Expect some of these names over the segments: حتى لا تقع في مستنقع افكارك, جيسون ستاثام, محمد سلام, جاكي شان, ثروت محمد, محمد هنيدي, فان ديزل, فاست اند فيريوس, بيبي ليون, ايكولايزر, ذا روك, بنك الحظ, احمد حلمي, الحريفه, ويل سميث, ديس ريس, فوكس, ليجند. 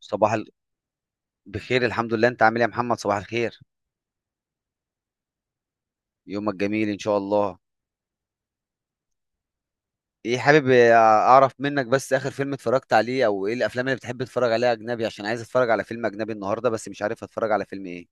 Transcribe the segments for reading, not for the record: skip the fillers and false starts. صباح ال... بخير الحمد لله. انت عامل ايه يا محمد؟ صباح الخير، يومك جميل ان شاء الله. ايه، حابب اعرف منك بس اخر فيلم اتفرجت عليه، او ايه الافلام اللي بتحب تتفرج عليها اجنبي؟ عشان عايز اتفرج على فيلم اجنبي النهارده بس مش عارف اتفرج على فيلم ايه.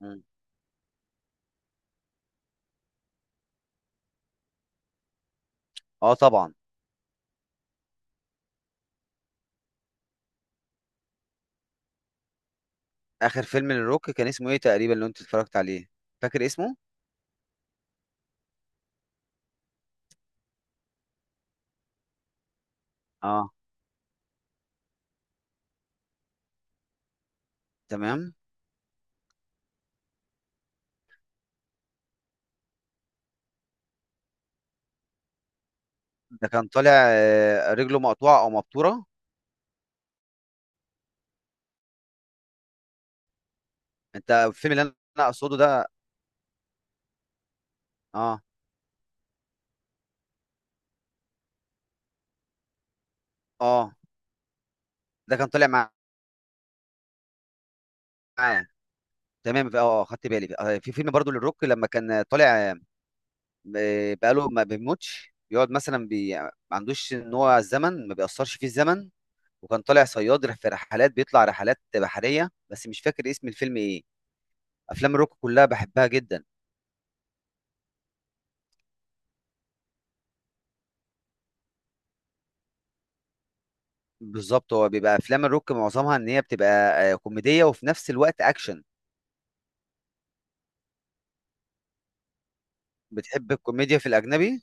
مم. اه طبعا. اخر فيلم للروك كان اسمه ايه تقريبا اللي انت اتفرجت عليه؟ فاكر اسمه؟ اه، تمام. ده كان طالع رجله مقطوعه او مبتوره. انت الفيلم اللي انا اقصده ده. اه، اه. ده كان طالع معاه. تمام، اه خدت بالي. في فيلم برضو للروك لما كان طالع، بقاله ما بيموتش، بيقعد مثلا ما عندوش، ان هو الزمن ما بيأثرش فيه الزمن، وكان طالع صياد في رحلات، بيطلع رحلات بحرية، بس مش فاكر اسم الفيلم ايه. افلام الروك كلها بحبها جدا. بالظبط، هو بيبقى افلام الروك معظمها ان هي بتبقى كوميدية وفي نفس الوقت اكشن. بتحب الكوميديا في الاجنبي؟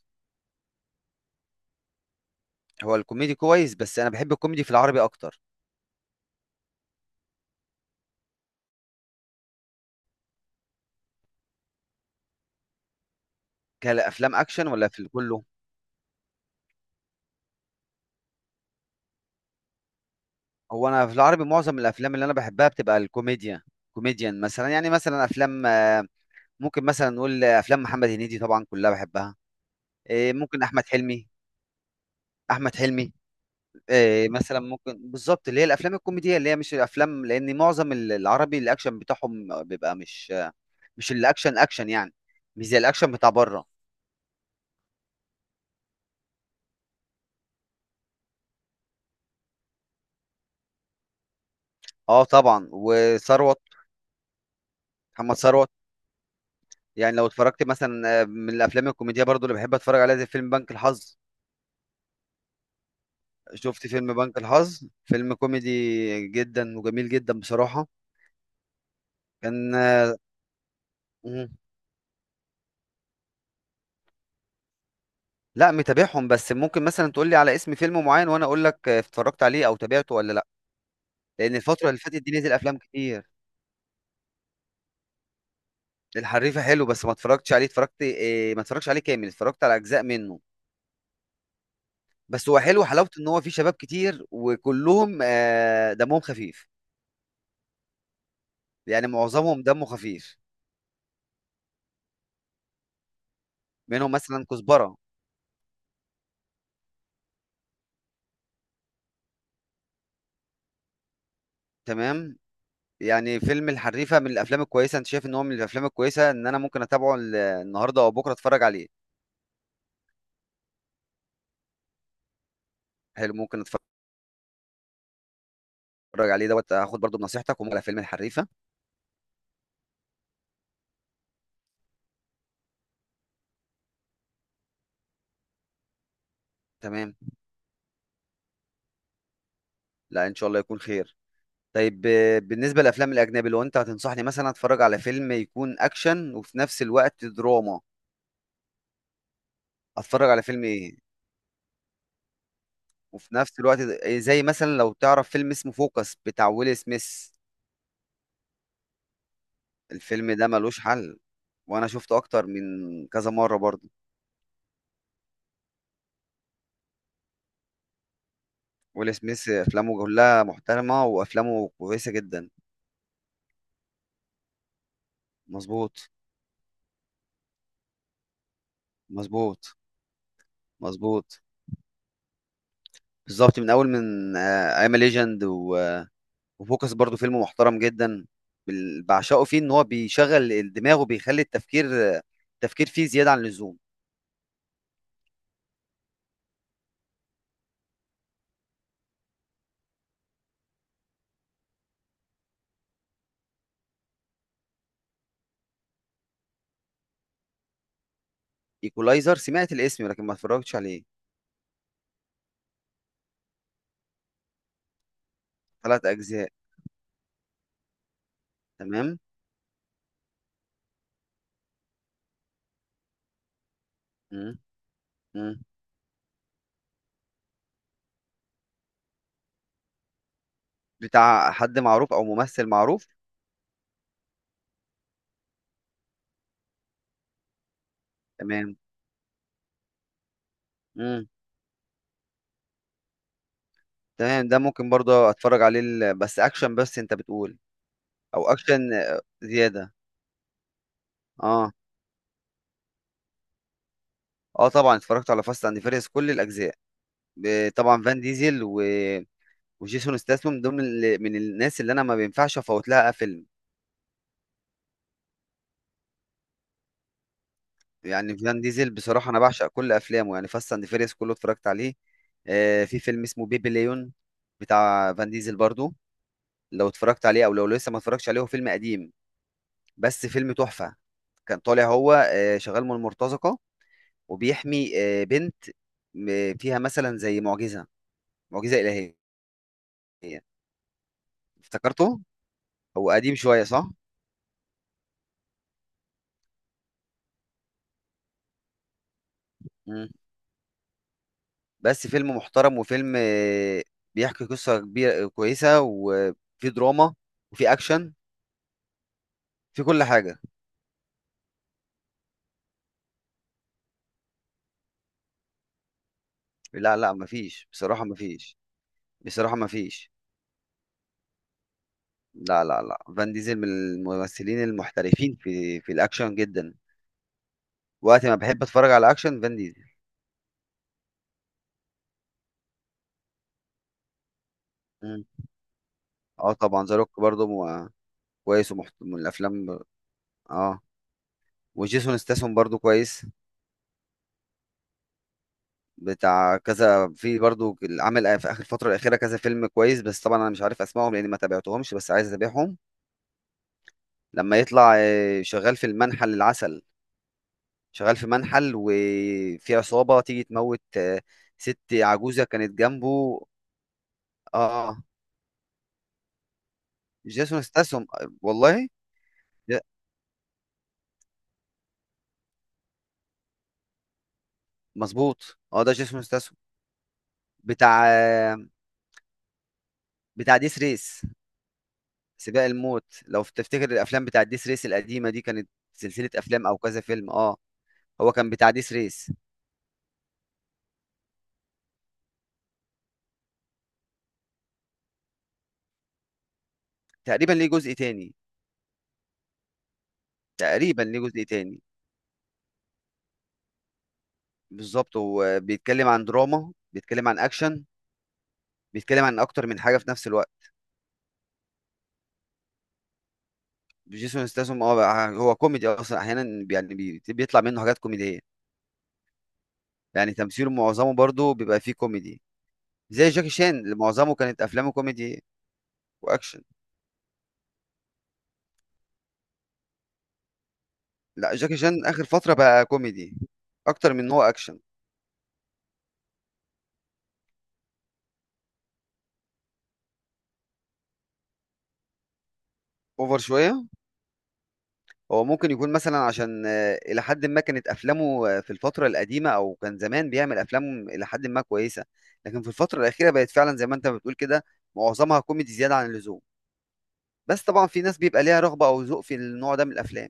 هو الكوميدي كويس، بس انا بحب الكوميدي في العربي اكتر. كافلام اكشن ولا في كله؟ هو انا في العربي معظم الافلام اللي انا بحبها بتبقى الكوميديا، كوميديان مثلا. يعني مثلا افلام ممكن مثلا نقول افلام محمد هنيدي، طبعا كلها بحبها. إيه، ممكن احمد حلمي. احمد حلمي. إيه، مثلا ممكن بالظبط اللي هي الافلام الكوميديه، اللي هي مش الافلام، لان معظم العربي الاكشن بتاعهم بيبقى مش الاكشن اكشن يعني، مش زي الاكشن بتاع بره. اه طبعا، وثروت. محمد ثروت. يعني لو اتفرجت مثلا من الافلام الكوميديه برضو اللي بحب اتفرج عليها، زي فيلم بنك الحظ. شفت فيلم بنك الحظ؟ فيلم كوميدي جدا وجميل جدا بصراحه. كان لا، متابعهم، بس ممكن مثلا تقول لي على اسم فيلم معين وانا اقول لك اتفرجت عليه او تابعته ولا لا، لان الفتره اللي فاتت دي نزل افلام كتير. الحريفه حلو بس ما اتفرجتش عليه. اتفرجت، إيه، ما اتفرجتش عليه كامل، اتفرجت على اجزاء منه. بس هو حلو، حلاوته ان هو فيه شباب كتير وكلهم دمهم خفيف. يعني معظمهم دمه خفيف، منهم مثلا كزبره. تمام. يعني فيلم الحريفه من الافلام الكويسه؟ انت شايف ان هو من الافلام الكويسه ان انا ممكن اتابعه النهارده او بكره اتفرج عليه؟ حلو، ممكن اتفرج عليه دوت. هاخد برضو بنصيحتك، وممكن على فيلم الحريفه. تمام. لا ان شاء الله يكون خير. طيب، بالنسبه للافلام الاجنبي، لو انت هتنصحني مثلا، اتفرج على فيلم يكون اكشن وفي نفس الوقت دراما، اتفرج على فيلم ايه؟ وفي نفس الوقت إيه، زي مثلا، لو تعرف فيلم اسمه فوكس بتاع ويل سميث. الفيلم ده ملوش حل، وانا شفته اكتر من كذا مره برضه. ويل سميث افلامه كلها محترمه، وافلامه كويسه جدا. مظبوط، مظبوط، مظبوط. بالظبط، من اول، من ايام ليجند. وفوكس برضو فيلم محترم جدا، بعشقه، فيه ان هو بيشغل الدماغ، وبيخلي التفكير فيه زيادة عن اللزوم. ايكولايزر سمعت الاسم لكن ما اتفرجتش عليه. ثلاث اجزاء؟ تمام. مم. مم. بتاع حد معروف، او ممثل معروف؟ تمام. مم. تمام، ده ممكن برضه اتفرج عليه. بس اكشن؟ بس انت بتقول، او اكشن زيادة؟ اه. اه طبعا، اتفرجت على فاست اند فيريوس كل الاجزاء. طبعا فان ديزل و وجيسون ستاثام من ضمن من الناس اللي انا ما بينفعش افوت لها فيلم. يعني فان ديزل بصراحه انا بعشق كل افلامه، يعني فاست اند فيريس كله اتفرجت عليه. في فيلم اسمه بيبي ليون بتاع فان ديزل برضو، لو اتفرجت عليه او لو لسه ما اتفرجتش عليه. هو فيلم قديم بس فيلم تحفه. كان طالع هو شغال من المرتزقه، وبيحمي بنت فيها مثلا زي معجزه، معجزه الهيه. افتكرته. هو قديم شويه، صح؟ مم. بس فيلم محترم، وفيلم بيحكي قصة كبيرة كويسة، وفي دراما، وفي أكشن، في كل حاجة. لا لا، مفيش بصراحة، مفيش. بصراحة مفيش. لا لا لا، فان ديزل من الممثلين المحترفين في الأكشن جدا. وقت ما بحب أتفرج على أكشن، فان ديزل. مم. اه طبعا، ذا روك برضه كويس من الأفلام، اه. وجيسون ستاثام برضه كويس، بتاع كذا. في برضو، عامل في اخر الفتره الاخيره كذا فيلم كويس، بس طبعا انا مش عارف اسمائهم لاني ما تابعتهمش، بس عايز اتابعهم. لما يطلع شغال في المنحل العسل، شغال في منحل، وفي عصابه تيجي تموت، ست عجوزه كانت جنبه. اه، جيسون ستاسون، والله. لا، مظبوط، اه، ده جيسون ستاسون، بتاع آه، بتاع ديس ريس. سباق الموت، لو تفتكر الافلام بتاع ديس ريس القديمه دي، كانت سلسله افلام او كذا فيلم، اه. هو كان بتاع ديس ريس. تقريبا ليه جزء تاني؟ تقريبا ليه جزء تاني. بالظبط، هو بيتكلم عن دراما، بيتكلم عن اكشن، بيتكلم عن اكتر من حاجه في نفس الوقت. جيسون ستاثام، هو كوميدي اصلا احيانا، يعني بيطلع منه حاجات كوميديه. يعني تمثيله معظمه برضه بيبقى فيه كوميدي، زي جاكي شان اللي معظمه كانت افلامه كوميدي واكشن. لا، جاكي شان اخر فتره بقى كوميدي اكتر من إن هو اكشن، اوفر شويه. هو ممكن يكون مثلا، عشان إلى حد ما كانت أفلامه في الفترة القديمة، أو كان زمان بيعمل أفلام إلى حد ما كويسة، لكن في الفترة الأخيرة بقت فعلا زي ما أنت بتقول كده، معظمها كوميدي زيادة عن اللزوم. بس طبعا في ناس بيبقى ليها رغبة أو ذوق في النوع ده من الأفلام.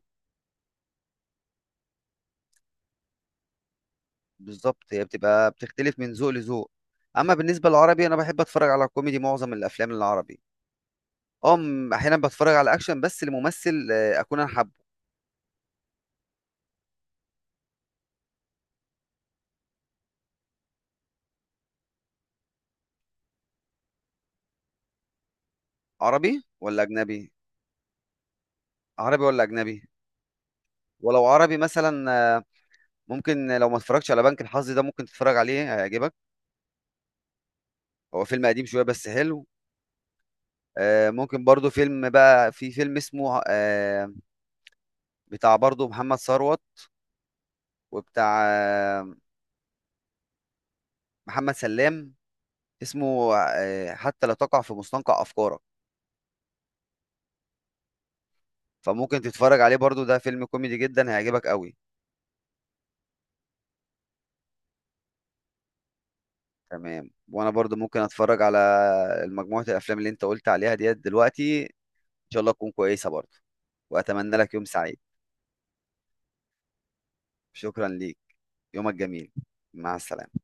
بالظبط، هي بتبقى بتختلف من ذوق لذوق. أما بالنسبة للعربي، أنا بحب أتفرج على كوميدي معظم الأفلام العربي. أه، أحيانا بتفرج على أكشن بس لممثل أكون أنا حابه. عربي ولا أجنبي؟ عربي ولا أجنبي؟ ولو عربي مثلا، ممكن، لو ما اتفرجتش على بنك الحظ ده، ممكن تتفرج عليه هيعجبك. هو فيلم قديم شويه بس حلو. ممكن برضو فيلم، بقى في فيلم اسمه بتاع برضو محمد ثروت، وبتاع محمد سلام، اسمه حتى لا تقع في مستنقع افكارك. فممكن تتفرج عليه برضو، ده فيلم كوميدي جدا هيعجبك قوي. تمام، وانا برضو ممكن اتفرج على مجموعه الافلام اللي انت قلت عليها ديت دلوقتي، ان شاء الله تكون كويسه برضو. واتمنى لك يوم سعيد. شكرا ليك. يومك جميل، مع السلامه.